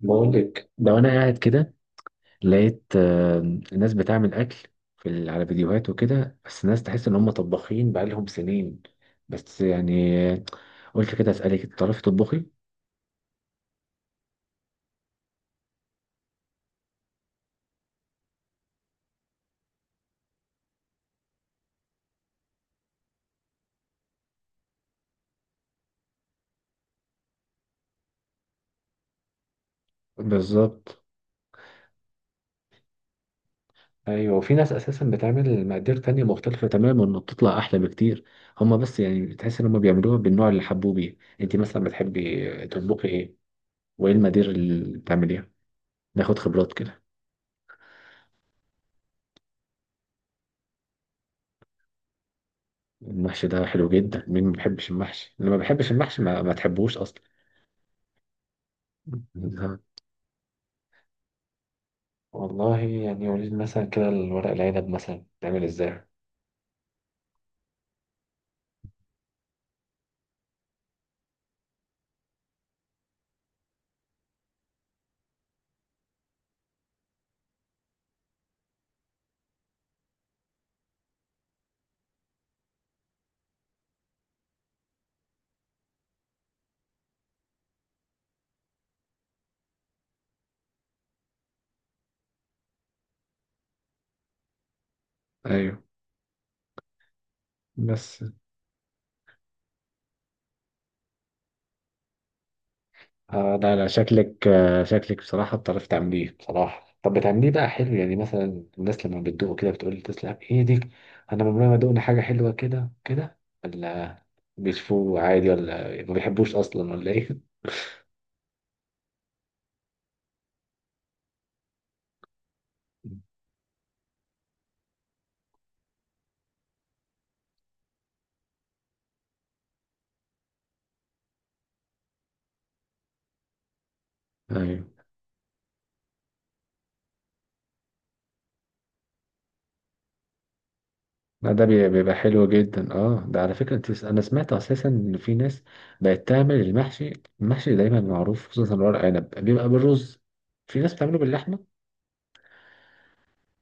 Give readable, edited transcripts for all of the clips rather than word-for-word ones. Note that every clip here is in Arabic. بقول لك لو انا قاعد كده لقيت الناس بتعمل اكل على فيديوهات وكده، بس الناس تحس ان هم طباخين بقالهم سنين. بس يعني قلت كده اسالك، انت تعرفي تطبخي؟ بالظبط. ايوه، وفي ناس اساسا بتعمل مقادير تانية مختلفة تماما وبتطلع احلى بكتير. هم بس يعني تحس ان هم بيعملوها بالنوع اللي حبوه بيه. انت مثلا بتحبي تطبخي ايه، وايه المقادير اللي بتعمليها؟ ناخد خبرات كده. المحشي ده حلو جدا، مين ما بيحبش المحشي؟ اللي ما بيحبش المحشي ما تحبوش اصلا. بالظبط. والله يعني قولي لي مثلا كده، الورق العنب مثلا بتعمل ازاي؟ ايوه، بس لا لا، شكلك شكلك بصراحة بتعرف تعمليه. بصراحة طب بتعمليه بقى حلو؟ يعني مثلا الناس لما بتدوقه كده بتقول تسلم ايدك، انا عمري ما دقنا حاجة حلوة كده؟ كده ولا بيشوفوه عادي، ولا ما بيحبوش اصلا، ولا ايه؟ ايوه. لا ده بيبقى حلو جدا. اه، ده على فكرة، انا سمعت اساسا ان في ناس بقت تعمل المحشي. المحشي دايما معروف خصوصا ورق عنب بيبقى بالرز، في ناس بتعمله باللحمة.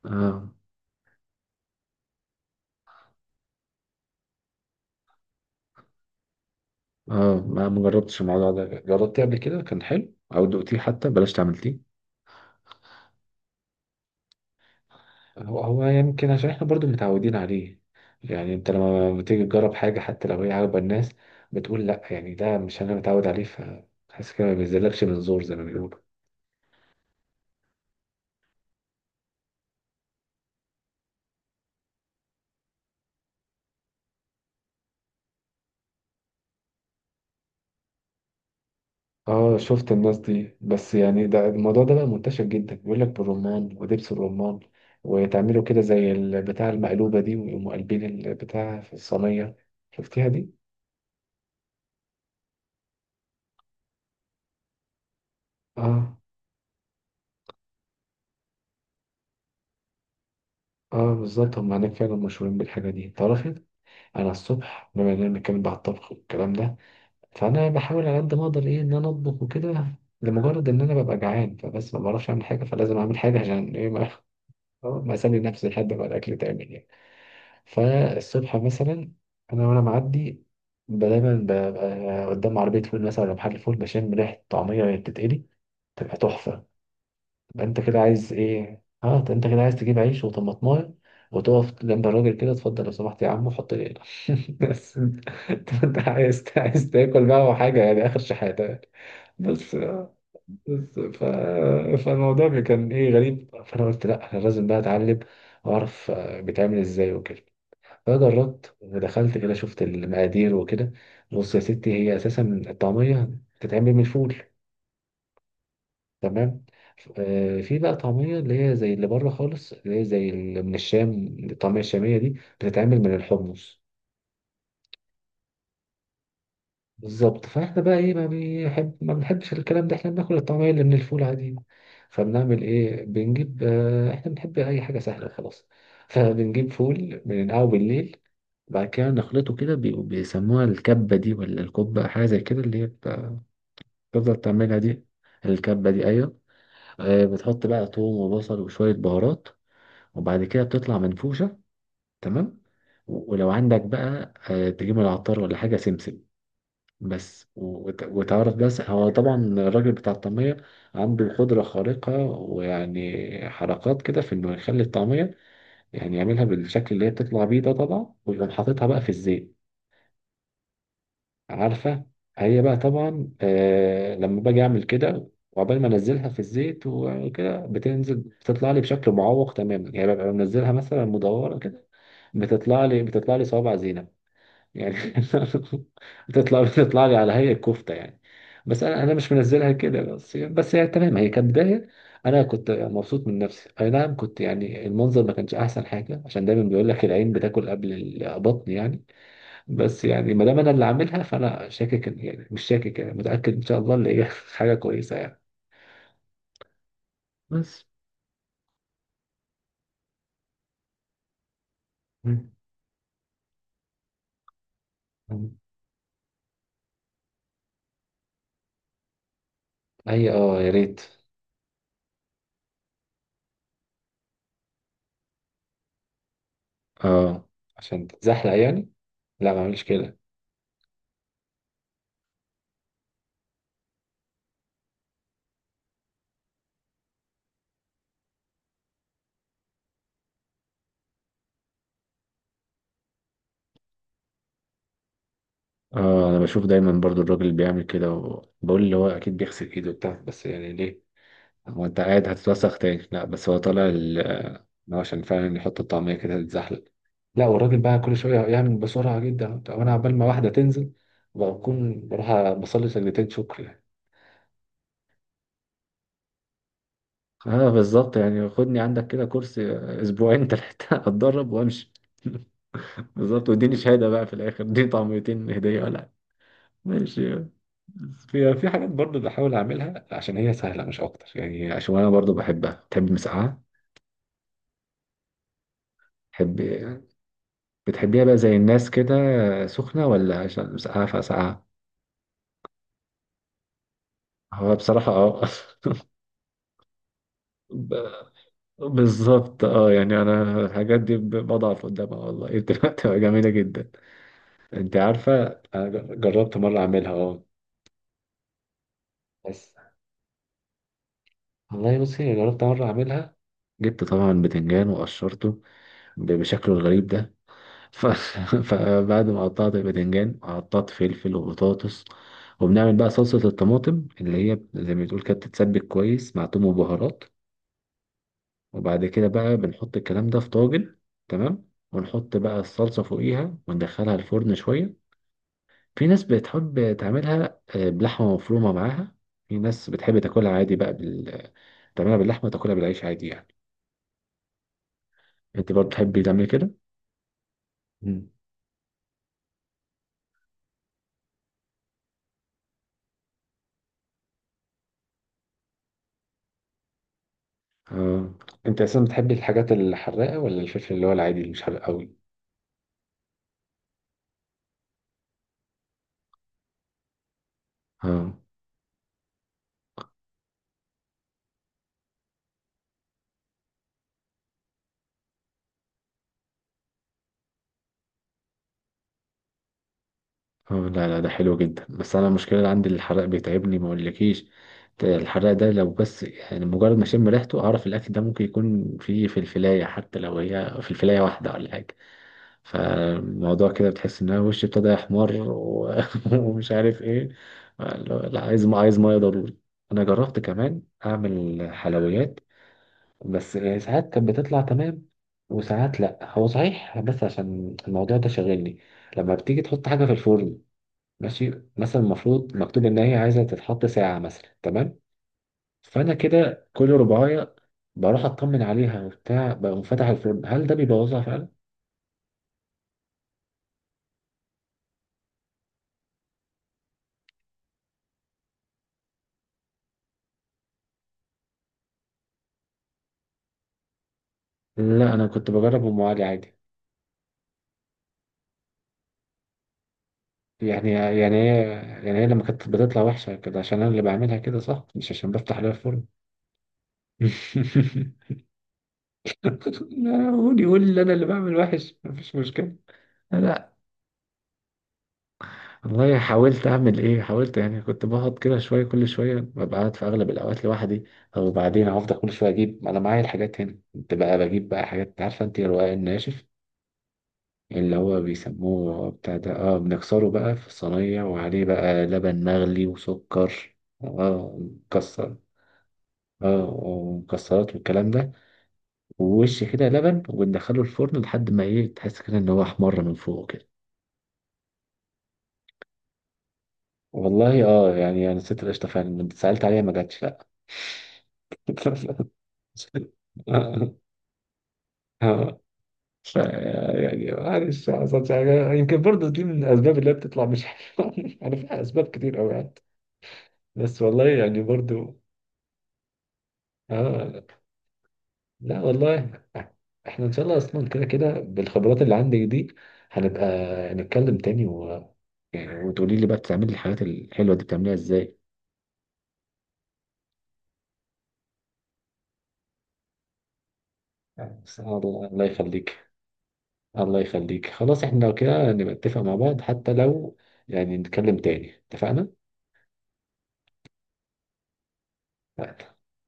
اه. اه، ما جربتش الموضوع ده. جربتيه قبل كده كان حلو، او دقتيه حتى بلاش تعملتيه؟ هو يمكن عشان احنا برضو متعودين عليه، يعني انت لما بتيجي تجرب حاجة حتى لو هي عاجبة الناس بتقول لا يعني ده مش انا متعود عليه، فحاسس كده ما بينزلكش من زور زي ما بيقولوا. اه شفت الناس دي، بس يعني ده الموضوع ده بقى منتشر جدا، بيقول لك بالرمان ودبس الرمان، وتعملوا كده زي البتاع المقلوبة دي، ويقوموا قلبين البتاع في الصينية. شفتيها دي؟ اه. اه بالظبط، هم هناك فعلا مشهورين بالحاجة دي. تعرفي انا الصبح، بما اننا بنتكلم بقى على الطبخ والكلام ده، فانا بحاول على قد ما اقدر، ايه، ان انا اطبخ وكده، لمجرد ان انا ببقى جعان، فبس ما بعرفش اعمل حاجة، فلازم اعمل حاجة عشان ايه ما, ما اسلي نفسي لحد ما الاكل يتعمل يعني. فالصبح مثلا انا وانا معدي دايما ببقى قدام عربيه فول مثلا ولا محل فول، بشم ريحه طعميه وهي بتتقلي، تبقى تحفه. تبقى انت كده عايز ايه، اه، أنت كده عايز تجيب عيش وطماطمايه وتقف جنب الراجل كده، اتفضل لو سمحت يا عم وحط لي هنا. بس انت، طب أنت عايز تاكل بقى وحاجه، يعني اخر شحاته يعني. بس بس فالموضوع كان ايه غريب، فانا قلت لا، انا لازم بقى اتعلم واعرف بيتعمل ازاي وكده. فجربت ودخلت كده، شفت المقادير وكده. بص يا ستي، هي اساسا الطعميه بتتعمل من الفول. تمام. في بقى طعميه اللي هي زي اللي بره خالص، اللي هي زي اللي من الشام، الطعميه الشاميه دي بتتعمل من الحمص. بالظبط. فاحنا بقى ايه، ما بنحبش الكلام ده، احنا بناكل الطعمية اللي من الفول عادي. فبنعمل ايه، بنجيب احنا بنحب اي حاجة سهلة وخلاص. فبنجيب فول بننقعه بالليل، بعد كده نخلطه كده، بيسموها الكبة دي ولا الكبة، حاجة زي كده اللي هي بتفضل تعملها دي، الكبة دي، ايوه. بتحط بقى توم وبصل وشوية بهارات، وبعد كده بتطلع منفوشة. تمام. ولو عندك بقى تجيب من العطار ولا حاجة سمسم، بس وتعرف بس، هو طبعا الراجل بتاع الطعمية عنده قدرة خارقة، ويعني حركات كده في انه يخلي الطعمية، يعني يعملها بالشكل اللي هي بتطلع بيه ده طبعا، ويقوم حاططها بقى في الزيت. عارفة، هي بقى طبعا لما باجي اعمل كده، وعقبال ما انزلها في الزيت وكده بتنزل، بتطلع لي بشكل معوق تماما يعني، ببقى منزلها مثلا مدورة كده، بتطلع لي صوابع زينة يعني. بتطلع لي على هيئة كفتة يعني. بس انا مش منزلها كده، بس يعني، بس هي تمام هي كبداية. انا كنت مبسوط من نفسي، اي نعم كنت، يعني المنظر ما كانش احسن حاجة، عشان دايما بيقول لك العين بتاكل قبل البطن يعني. بس يعني ما دام انا اللي عاملها، فانا شاكك يعني مش شاكك، يعني متأكد ان شاء الله اللي هي حاجة كويسة يعني. بس مم. هي اه يا ريت. اه عشان تتزحلق يعني. لا ما اعملش كده. اه انا بشوف دايما برضو الراجل اللي بيعمل كده، وبقول اللي هو اكيد بيغسل ايده بتاع، بس يعني ليه؟ هو انت قاعد هتتوسخ تاني؟ لا، بس هو طالع إن هو عشان فعلا يحط الطعمية كده تتزحلق. لا، والراجل بقى كل شوية يعمل بسرعة جدا، وانا عبال ما واحدة تنزل بكون بروح بصلي سجدتين شكر يعني. اه بالظبط، يعني خدني عندك كده كرسي، اسبوعين تلاتة اتدرب وامشي. بالظبط، واديني شهادة بقى في الاخر، دي طعميتين هدية ولا، ماشي. في حاجات برضو بحاول اعملها عشان هي سهله مش اكتر يعني، عشان انا برضو بحبها. بتحب مسقعه؟ بتحب؟ بتحبيها بقى زي الناس كده سخنه، ولا عشان مسقعه فسقعه؟ هو بصراحه اه ب- بالظبط، اه يعني انا الحاجات دي بضعف قدامها والله. إيه، بتبقى جميله جدا. انت عارفه انا جربت مره اعملها اه. بس والله بصي، جربت مره اعملها، جبت طبعا بتنجان وقشرته بشكله الغريب ده. ف... فبعد ما قطعت الباذنجان قطعت فلفل وبطاطس، وبنعمل بقى صلصة الطماطم اللي هي زي ما بتقول كده، بتتسبك كويس مع توم وبهارات. وبعد كده بقى بنحط الكلام ده في طاجن، تمام، ونحط بقى الصلصة فوقيها وندخلها الفرن شوية. في ناس بتحب تعملها بلحمة مفرومة معاها، في ناس بتحب تاكلها عادي بقى تعملها باللحمة تاكلها بالعيش عادي يعني. انت برضه بتحبي تعملي كده؟ مم. اه، انت اصلا بتحبي الحاجات الحراقة ولا الفلفل اللي هو العادي اللي مش حراق قوي؟ اه. اه، لا لا ده حلو جدا، بس انا المشكله اللي عندي الحرق بيتعبني ما اقولكيش. ده الحرق ده لو بس يعني مجرد ما اشم ريحته اعرف الاكل ده ممكن يكون فيه فلفلايه، حتى لو هي فلفلايه واحده ولا حاجه، فالموضوع كده بتحس ان انا وشي ابتدى يحمر ومش عارف ايه. لا، لا، عايز ما عايز ميه ضروري. انا جربت كمان اعمل حلويات، بس ساعات كانت بتطلع تمام وساعات لا. هو صحيح بس عشان الموضوع ده شاغلني، لما بتيجي تحط حاجة في الفرن ماشي، مثلا المفروض مكتوب ان هي عايزه تتحط ساعه مثلا، تمام، فانا كده كل رباعيه بروح اطمن عليها وبتاع، بقوم فاتح الفرن، هل ده بيبوظها فعلا؟ لا، انا كنت بجرب ام علي عادي. يعني يعني هي يعني هي لما كانت بتطلع وحشه كده عشان انا اللي بعملها كده صح، مش عشان بفتح لها الفرن؟ لا قول، يقول لي انا اللي بعمل وحش مفيش مشكله. انا والله حاولت اعمل، ايه حاولت يعني، كنت بقعد كده شويه كل شويه، ببقى قاعد في اغلب الاوقات لوحدي، وبعدين افضل كل شويه اجيب انا معايا الحاجات هنا، كنت بقى بجيب بقى حاجات. عارفه انت الرقاق الناشف اللي هو بيسموه بتاع ده، اه، بنكسره بقى في صينيه وعليه بقى لبن مغلي وسكر. اه مكسر، اه ومكسرات والكلام ده، ووش كده لبن، وبندخله الفرن لحد ما، ايه، تحس كده ان هو احمر من فوق كده. والله اه، يعني انا ست القشطه فعلا لما سالت عليها ما جاتش، لا. اه ف- يعني معلش ما حصلش حاجه، يمكن برضه دي من الاسباب اللي هي بتطلع مش حلوه. يعني فيها اسباب كتير قوي يعني، بس والله يعني برضه. اه، لا والله، احنا ان شاء الله اصلا كده كده بالخبرات اللي عندي دي هنبقى نتكلم تاني يعني، وتقولي لي بقى بتعملي الحاجات الحلوه دي بتعمليها ازاي. سبحان الله، الله يخليك. الله يخليك، خلاص احنا لو كده نبقى نتفق مع بعض، حتى لو يعني نتكلم تاني، اتفقنا؟